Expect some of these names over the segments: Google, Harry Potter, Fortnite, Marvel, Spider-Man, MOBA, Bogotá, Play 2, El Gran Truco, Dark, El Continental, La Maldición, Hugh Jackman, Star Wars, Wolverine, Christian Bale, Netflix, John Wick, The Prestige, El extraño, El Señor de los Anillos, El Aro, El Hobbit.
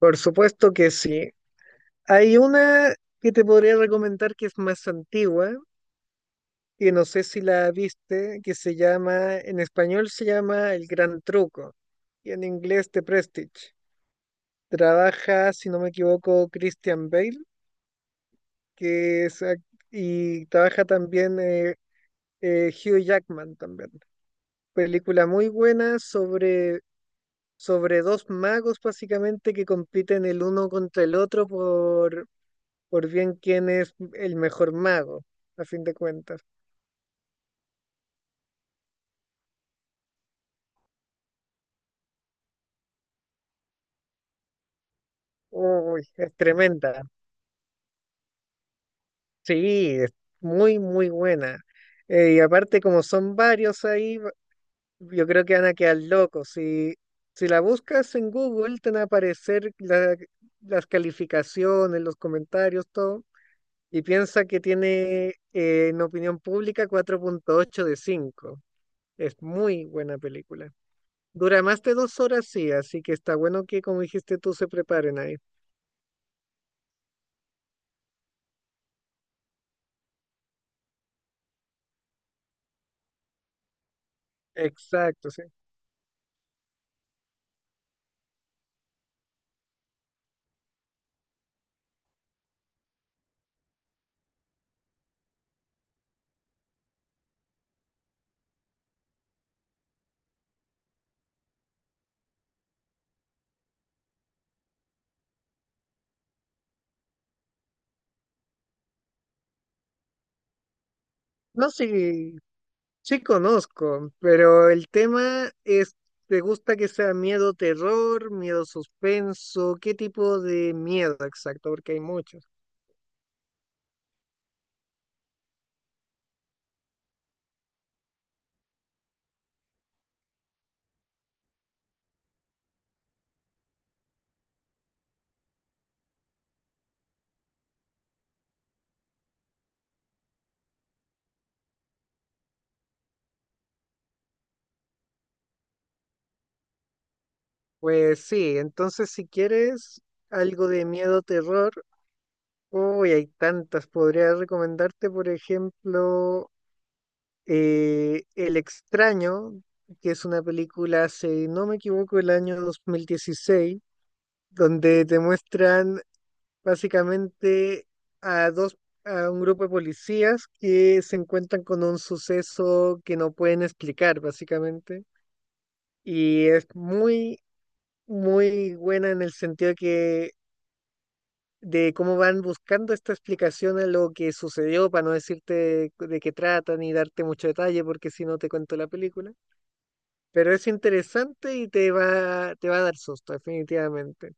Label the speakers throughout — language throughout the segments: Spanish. Speaker 1: Por supuesto que sí. Hay una que te podría recomendar que es más antigua, que no sé si la viste, que se llama, en español se llama El Gran Truco y en inglés The Prestige. Trabaja, si no me equivoco, Christian Bale, que es, ac- y trabaja también Hugh Jackman también. Película muy buena sobre dos magos básicamente que compiten el uno contra el otro por bien quién es el mejor mago, a fin de cuentas. Uy, es tremenda. Sí, es muy, muy buena. Y aparte, como son varios ahí, yo creo que van a quedar locos. Si, si la buscas en Google, te van a aparecer las calificaciones, los comentarios, todo. Y piensa que tiene en opinión pública 4,8 de 5. Es muy buena película. Dura más de 2 horas, sí, así que está bueno que, como dijiste tú, se preparen ahí. Exacto, sí. No, sí, sí conozco, pero el tema es, ¿te gusta que sea miedo terror, miedo suspenso? ¿Qué tipo de miedo exacto? Porque hay muchos. Pues sí, entonces si quieres algo de miedo terror, uy, hay tantas. Podría recomendarte, por ejemplo, El extraño, que es una película, si no me equivoco, el año 2016 donde te muestran básicamente a dos, a un grupo de policías que se encuentran con un suceso que no pueden explicar, básicamente. Y es muy, muy buena en el sentido que de cómo van buscando esta explicación a lo que sucedió, para no decirte de qué trata ni darte mucho detalle, porque si no te cuento la película. Pero es interesante y te va a dar susto, definitivamente.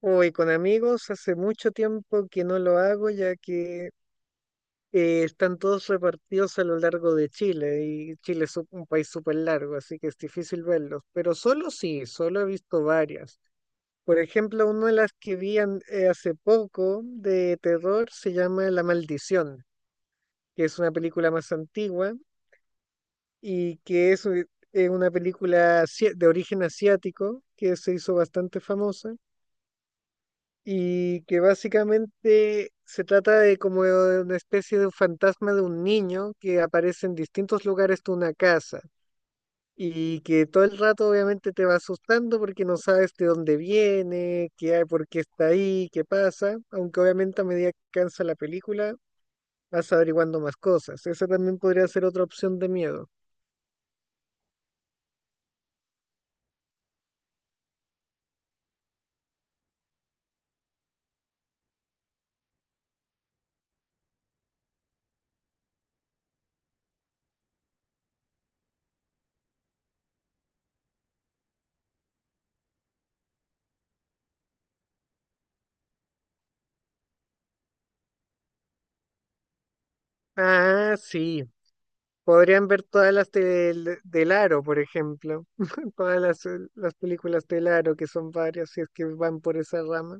Speaker 1: Hoy con amigos hace mucho tiempo que no lo hago, ya que están todos repartidos a lo largo de Chile, y Chile es un país súper largo, así que es difícil verlos. Pero solo sí, solo he visto varias. Por ejemplo, una de las que hace poco de terror se llama La Maldición, que es una película más antigua y que eso es una película de origen asiático que se hizo bastante famosa y que básicamente se trata de como de una especie de un fantasma de un niño que aparece en distintos lugares de una casa y que todo el rato obviamente te va asustando porque no sabes de dónde viene, qué hay, por qué está ahí, qué pasa, aunque obviamente a medida que cansa la película vas averiguando más cosas. Esa también podría ser otra opción de miedo. Ah, sí. Podrían ver todas las del Aro, por ejemplo, todas las películas del Aro, que son varias, si es que van por esa rama.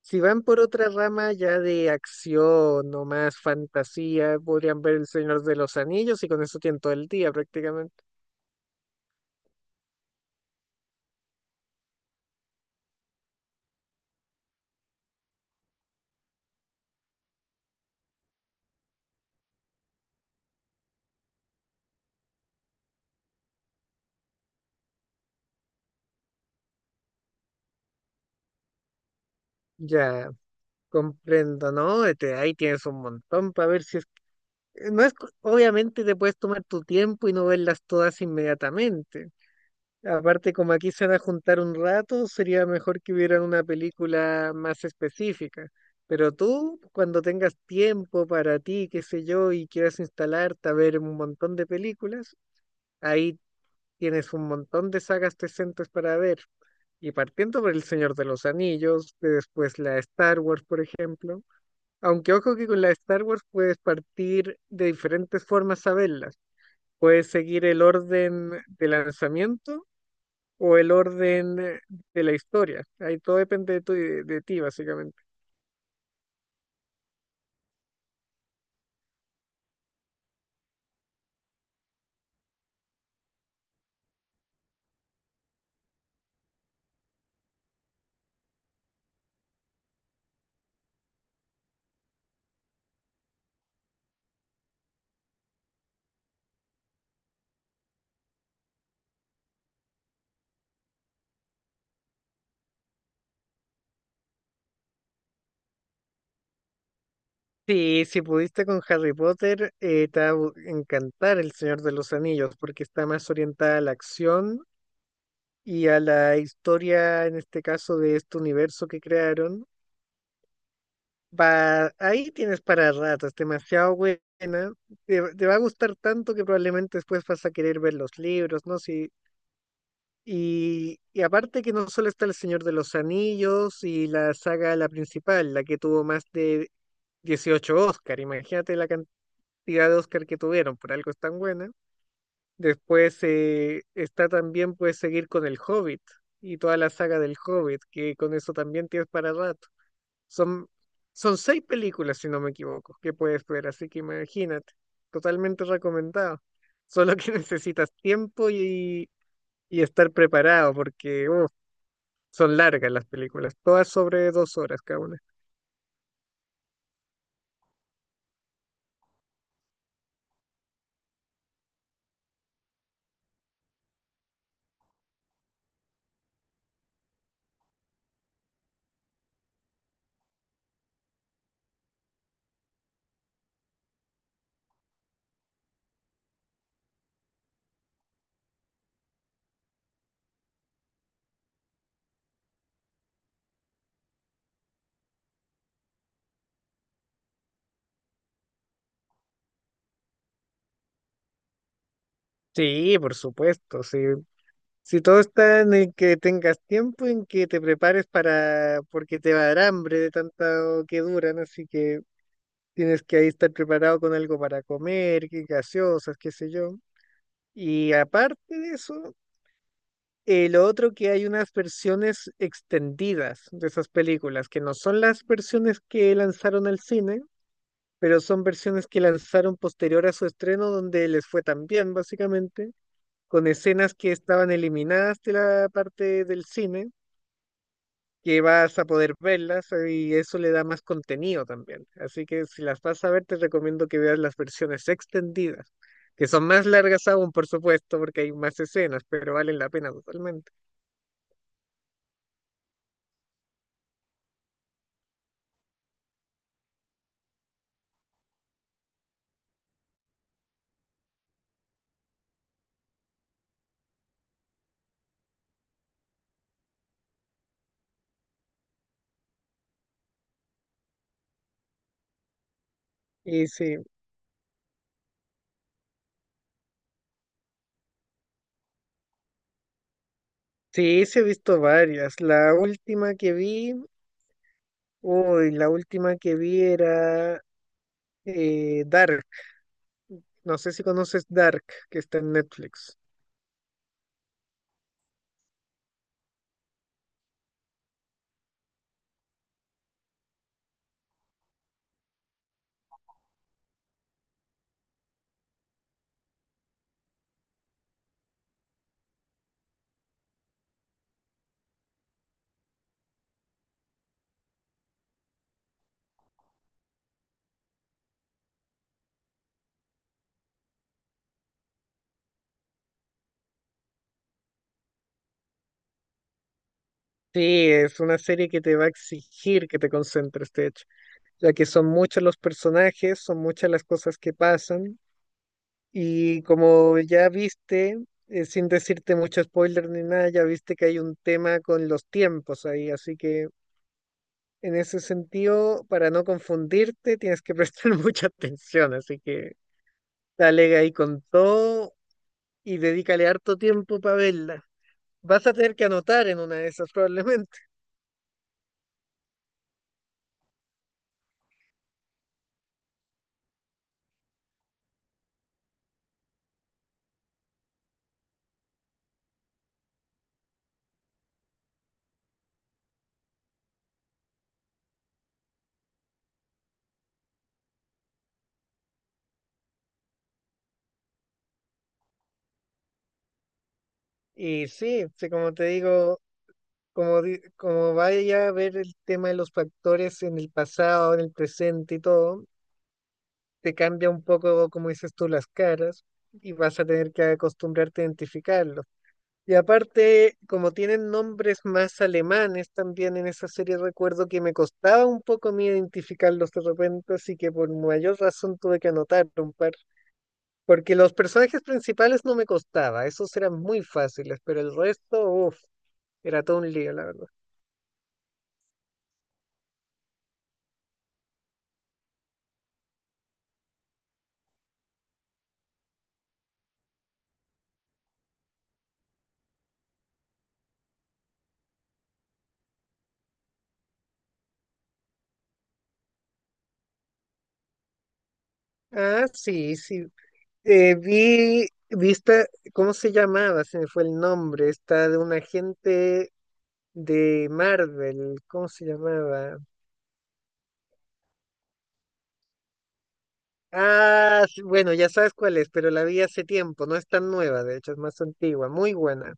Speaker 1: Si van por otra rama ya de acción o más fantasía, podrían ver El Señor de los Anillos, y con eso tienen todo el día prácticamente. Ya, comprendo, ¿no? Este, ahí tienes un montón para ver si es... No es, co- Obviamente te puedes tomar tu tiempo y no verlas todas inmediatamente. Aparte, como aquí se van a juntar un rato, sería mejor que vieran una película más específica. Pero tú, cuando tengas tiempo para ti, qué sé yo, y quieras instalarte a ver un montón de películas, ahí tienes un montón de sagas decentes para ver. Y partiendo por El Señor de los Anillos, de después la Star Wars, por ejemplo. Aunque ojo que con la Star Wars puedes partir de diferentes formas a verlas. Puedes seguir el orden de lanzamiento o el orden de la historia. Ahí todo depende de ti, básicamente. Sí, si pudiste con Harry Potter, te va a encantar El Señor de los Anillos, porque está más orientada a la acción y a la historia, en este caso, de este universo que crearon. Va, ahí tienes para rato, es demasiado buena. Te va a gustar tanto que probablemente después vas a querer ver los libros, ¿no? Si, Y aparte que no solo está El Señor de los Anillos y la saga, la principal, la que tuvo más de 18 Oscar, imagínate la cantidad de Oscar que tuvieron, por algo es tan buena. Después está también, puedes seguir con El Hobbit y toda la saga del Hobbit, que con eso también tienes para rato. Son, son seis películas, si no me equivoco, que puedes ver, así que imagínate, totalmente recomendado. Solo que necesitas tiempo y estar preparado, porque son largas las películas, todas sobre 2 horas cada una. Sí, por supuesto, sí. Si todo está en que tengas tiempo, en que te prepares, para porque te va a dar hambre de tanto que duran, así que tienes que ahí estar preparado con algo para comer, que gaseosas, qué sé yo. Y aparte de eso, lo otro que hay unas versiones extendidas de esas películas, que no son las versiones que lanzaron al cine, pero son versiones que lanzaron posterior a su estreno donde les fue tan bien, básicamente, con escenas que estaban eliminadas de la parte del cine, que vas a poder verlas y eso le da más contenido también. Así que si las vas a ver, te recomiendo que veas las versiones extendidas, que son más largas aún, por supuesto, porque hay más escenas, pero valen la pena totalmente. Y sí, sí, sí he visto varias. La última que vi, uy, la última que vi era Dark. No sé si conoces Dark, que está en Netflix. Sí, es una serie que te va a exigir que te concentres, de hecho, ya que son muchos los personajes, son muchas las cosas que pasan, y como ya viste, sin decirte mucho spoiler ni nada, ya viste que hay un tema con los tiempos ahí, así que en ese sentido, para no confundirte, tienes que prestar mucha atención, así que dale ahí con todo y dedícale harto tiempo para verla. Vas a tener que anotar en una de esas probablemente. Y sí, sí, como te digo, como vaya a ver el tema de los factores en el pasado, en el presente y todo, te cambia un poco, como dices tú, las caras, y vas a tener que acostumbrarte a identificarlos. Y aparte, como tienen nombres más alemanes también en esa serie, recuerdo que me costaba un poco a mí identificarlos de repente, así que por mayor razón tuve que anotar un par. Porque los personajes principales no me costaba, esos eran muy fáciles, pero el resto, uff. Era todo un lío, la verdad. Ah, sí, sí. Vi, ¿cómo se llamaba? Se me fue el nombre. Está de un agente de Marvel. ¿Cómo se llamaba? Ah, sí, bueno, ya sabes cuál es, pero la vi hace tiempo. No es tan nueva, de hecho, es más antigua. Muy buena.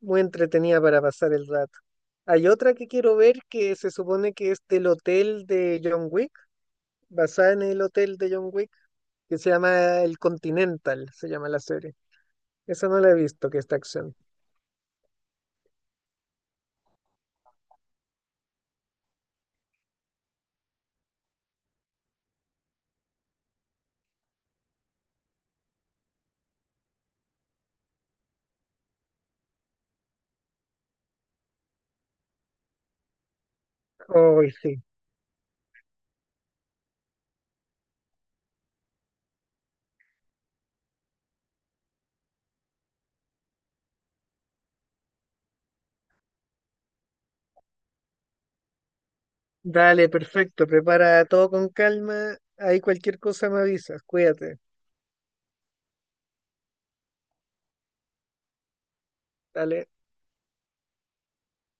Speaker 1: Muy entretenida para pasar el rato. Hay otra que quiero ver que se supone que es del hotel de John Wick, basada en el hotel de John Wick, que se llama El Continental, se llama la serie. Esa no la he visto, que está acción. Hoy sí. Dale, perfecto. Prepara todo con calma. Ahí cualquier cosa me avisas. Cuídate. Dale.